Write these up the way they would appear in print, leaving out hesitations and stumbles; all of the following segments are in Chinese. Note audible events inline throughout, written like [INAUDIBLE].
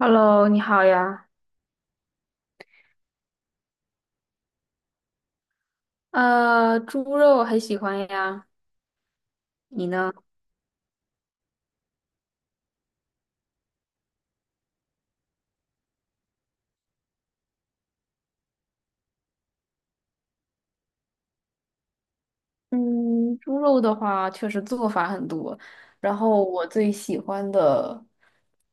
Hello，你好呀。猪肉很喜欢呀，你呢？嗯，猪肉的话，确实做法很多。然后我最喜欢的，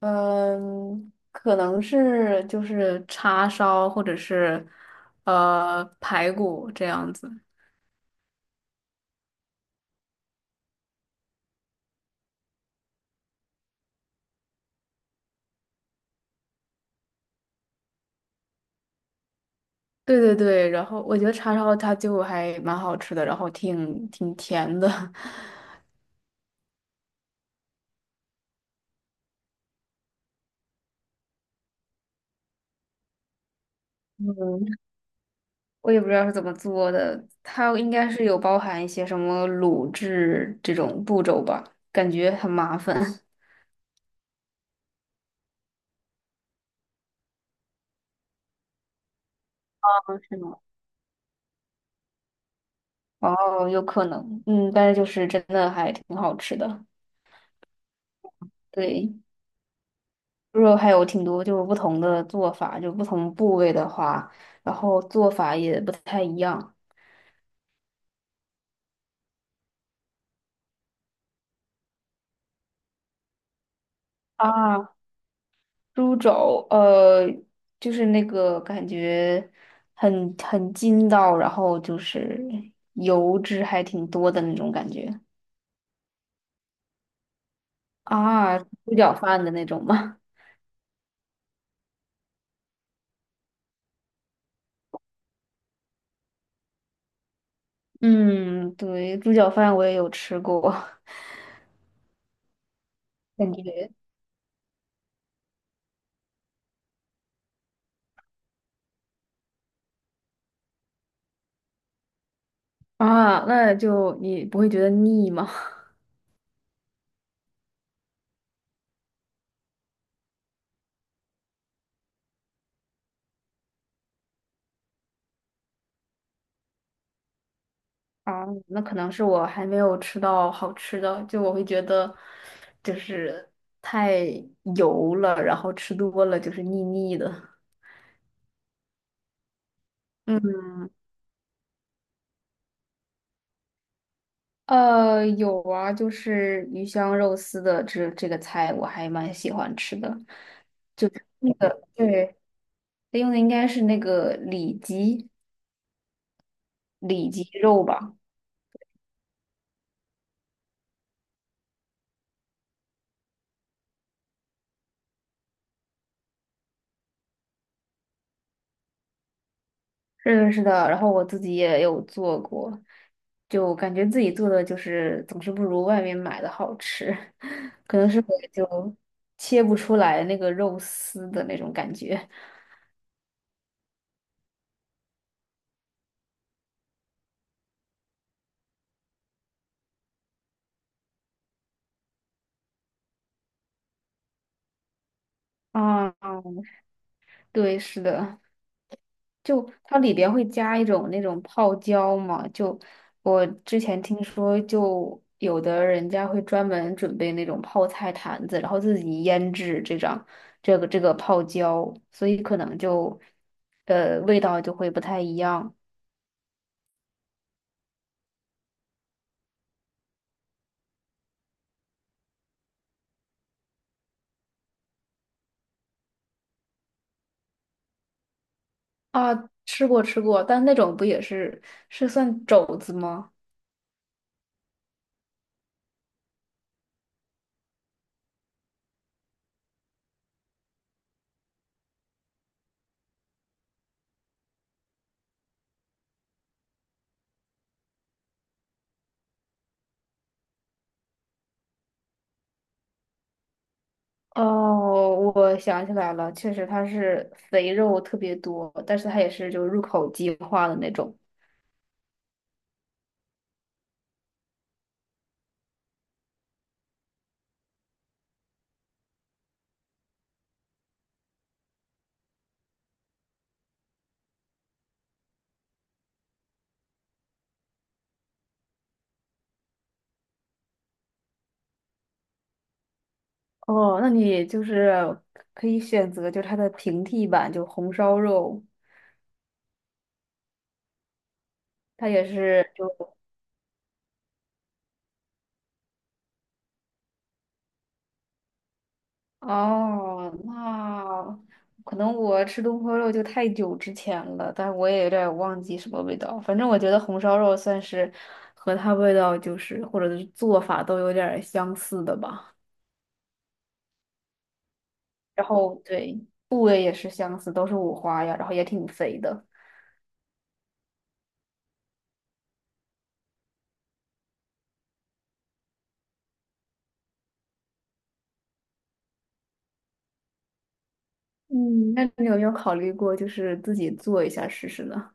嗯，可能是就是叉烧或者是排骨这样子。对对对，然后我觉得叉烧它就还蛮好吃的，然后挺甜的。[LAUGHS] 嗯，我也不知道是怎么做的，它应该是有包含一些什么卤制这种步骤吧，感觉很麻烦。哦，是吗？哦，有可能，嗯，但是就是真的还挺好吃的。对，猪肉还有挺多就是不同的做法，就不同部位的话，然后做法也不太一样啊。猪肘，就是那个感觉很筋道，然后就是油脂还挺多的那种感觉。啊，猪脚饭的那种吗？[LAUGHS] 嗯，对，猪脚饭我也有吃过，感觉啊，那就你不会觉得腻吗？[LAUGHS] 啊，那可能是我还没有吃到好吃的，就我会觉得就是太油了，然后吃多了就是腻腻的。嗯，有啊，就是鱼香肉丝的这个菜我还蛮喜欢吃的。那个对，用的应该是那个里脊。里脊肉吧。是的，是的。然后我自己也有做过，就感觉自己做的就是总是不如外面买的好吃，[LAUGHS] 可能是我就切不出来那个肉丝的那种感觉。啊，对，是的。就它里边会加一种那种泡椒嘛，就我之前听说，就有的人家会专门准备那种泡菜坛子，然后自己腌制这张这个泡椒，所以可能就味道就会不太一样啊。吃过吃过，但那种不也是是算肘子吗？哦，我想起来了，确实它是肥肉特别多，但是它也是就入口即化的那种。哦，那你就是可以选择，就是它的平替版，就红烧肉，它也是就哦，那可能我吃东坡肉就太久之前了，但我也有点儿忘记什么味道。反正我觉得红烧肉算是和它味道就是或者是做法都有点儿相似的吧。然后对，部位也是相似，都是五花呀，然后也挺肥的。嗯，那你有没有考虑过就是自己做一下试试呢？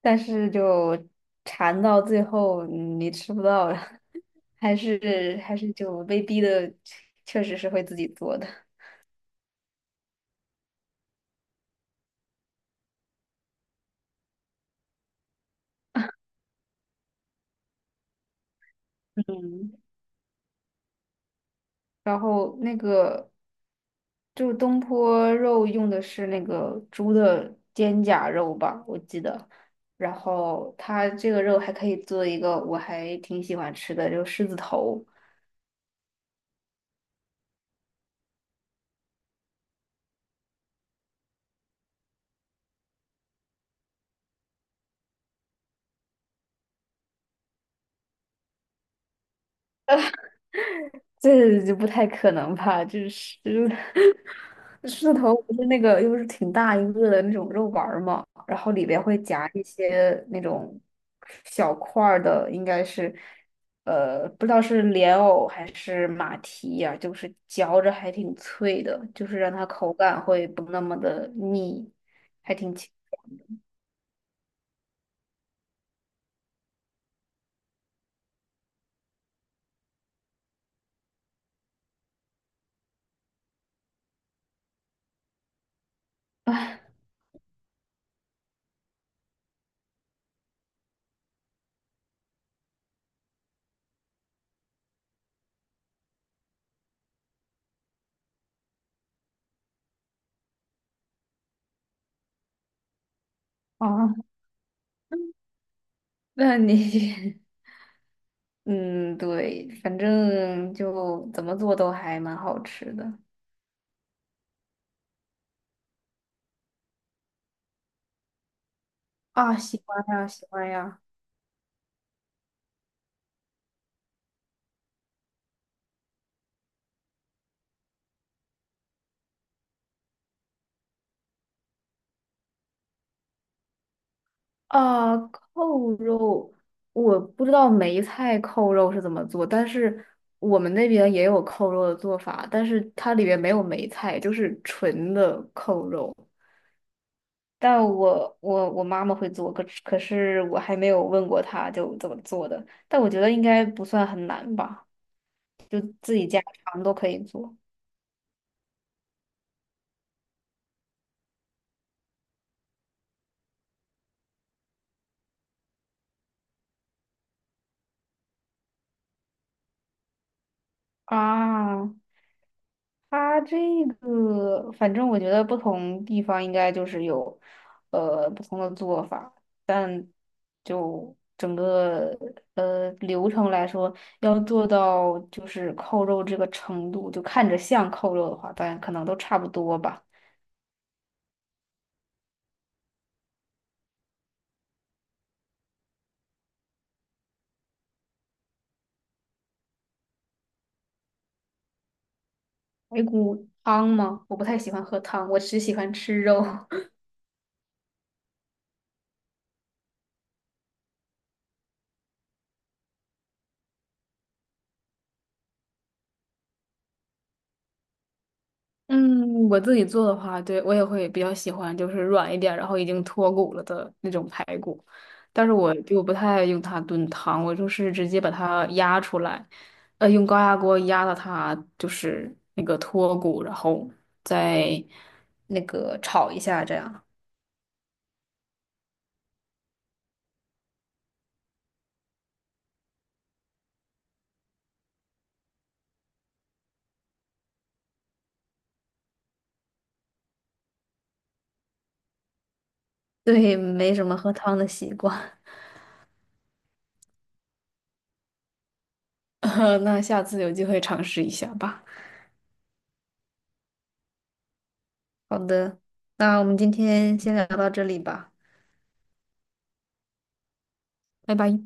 但是就馋到最后你吃不到了，[LAUGHS] 还是就被逼的，确实是会自己做的。嗯，然后那个就是东坡肉用的是那个猪的肩胛肉吧，我记得。然后它这个肉还可以做一个我还挺喜欢吃的，就是狮子头。这就不太可能吧？这狮 [LAUGHS] 狮子头不是那个，又是挺大一个的那种肉丸儿嘛，然后里边会夹一些那种小块儿的，应该是不知道是莲藕还是马蹄呀、就是嚼着还挺脆的，就是让它口感会不那么的腻，还挺清啊。那你 [LAUGHS] 嗯，对，反正就怎么做都还蛮好吃的。啊，喜欢呀，喜欢呀。啊，扣肉，我不知道梅菜扣肉是怎么做，但是我们那边也有扣肉的做法，但是它里面没有梅菜，就是纯的扣肉。但我妈妈会做，可是我还没有问过她就怎么做的，但我觉得应该不算很难吧，就自己家常都可以做啊。它这个，反正我觉得不同地方应该就是有，不同的做法，但就整个流程来说，要做到就是扣肉这个程度，就看着像扣肉的话，当然可能都差不多吧。排骨汤吗？我不太喜欢喝汤，我只喜欢吃肉。[LAUGHS] 嗯，我自己做的话，对，我也会比较喜欢，就是软一点，然后已经脱骨了的那种排骨。但是我就不太用它炖汤，我就是直接把它压出来，用高压锅压到它就是那个脱骨，然后再那个炒一下，这样。对，没什么喝汤的习惯，[LAUGHS] 那下次有机会尝试一下吧。好的，那我们今天先聊到这里吧，拜拜。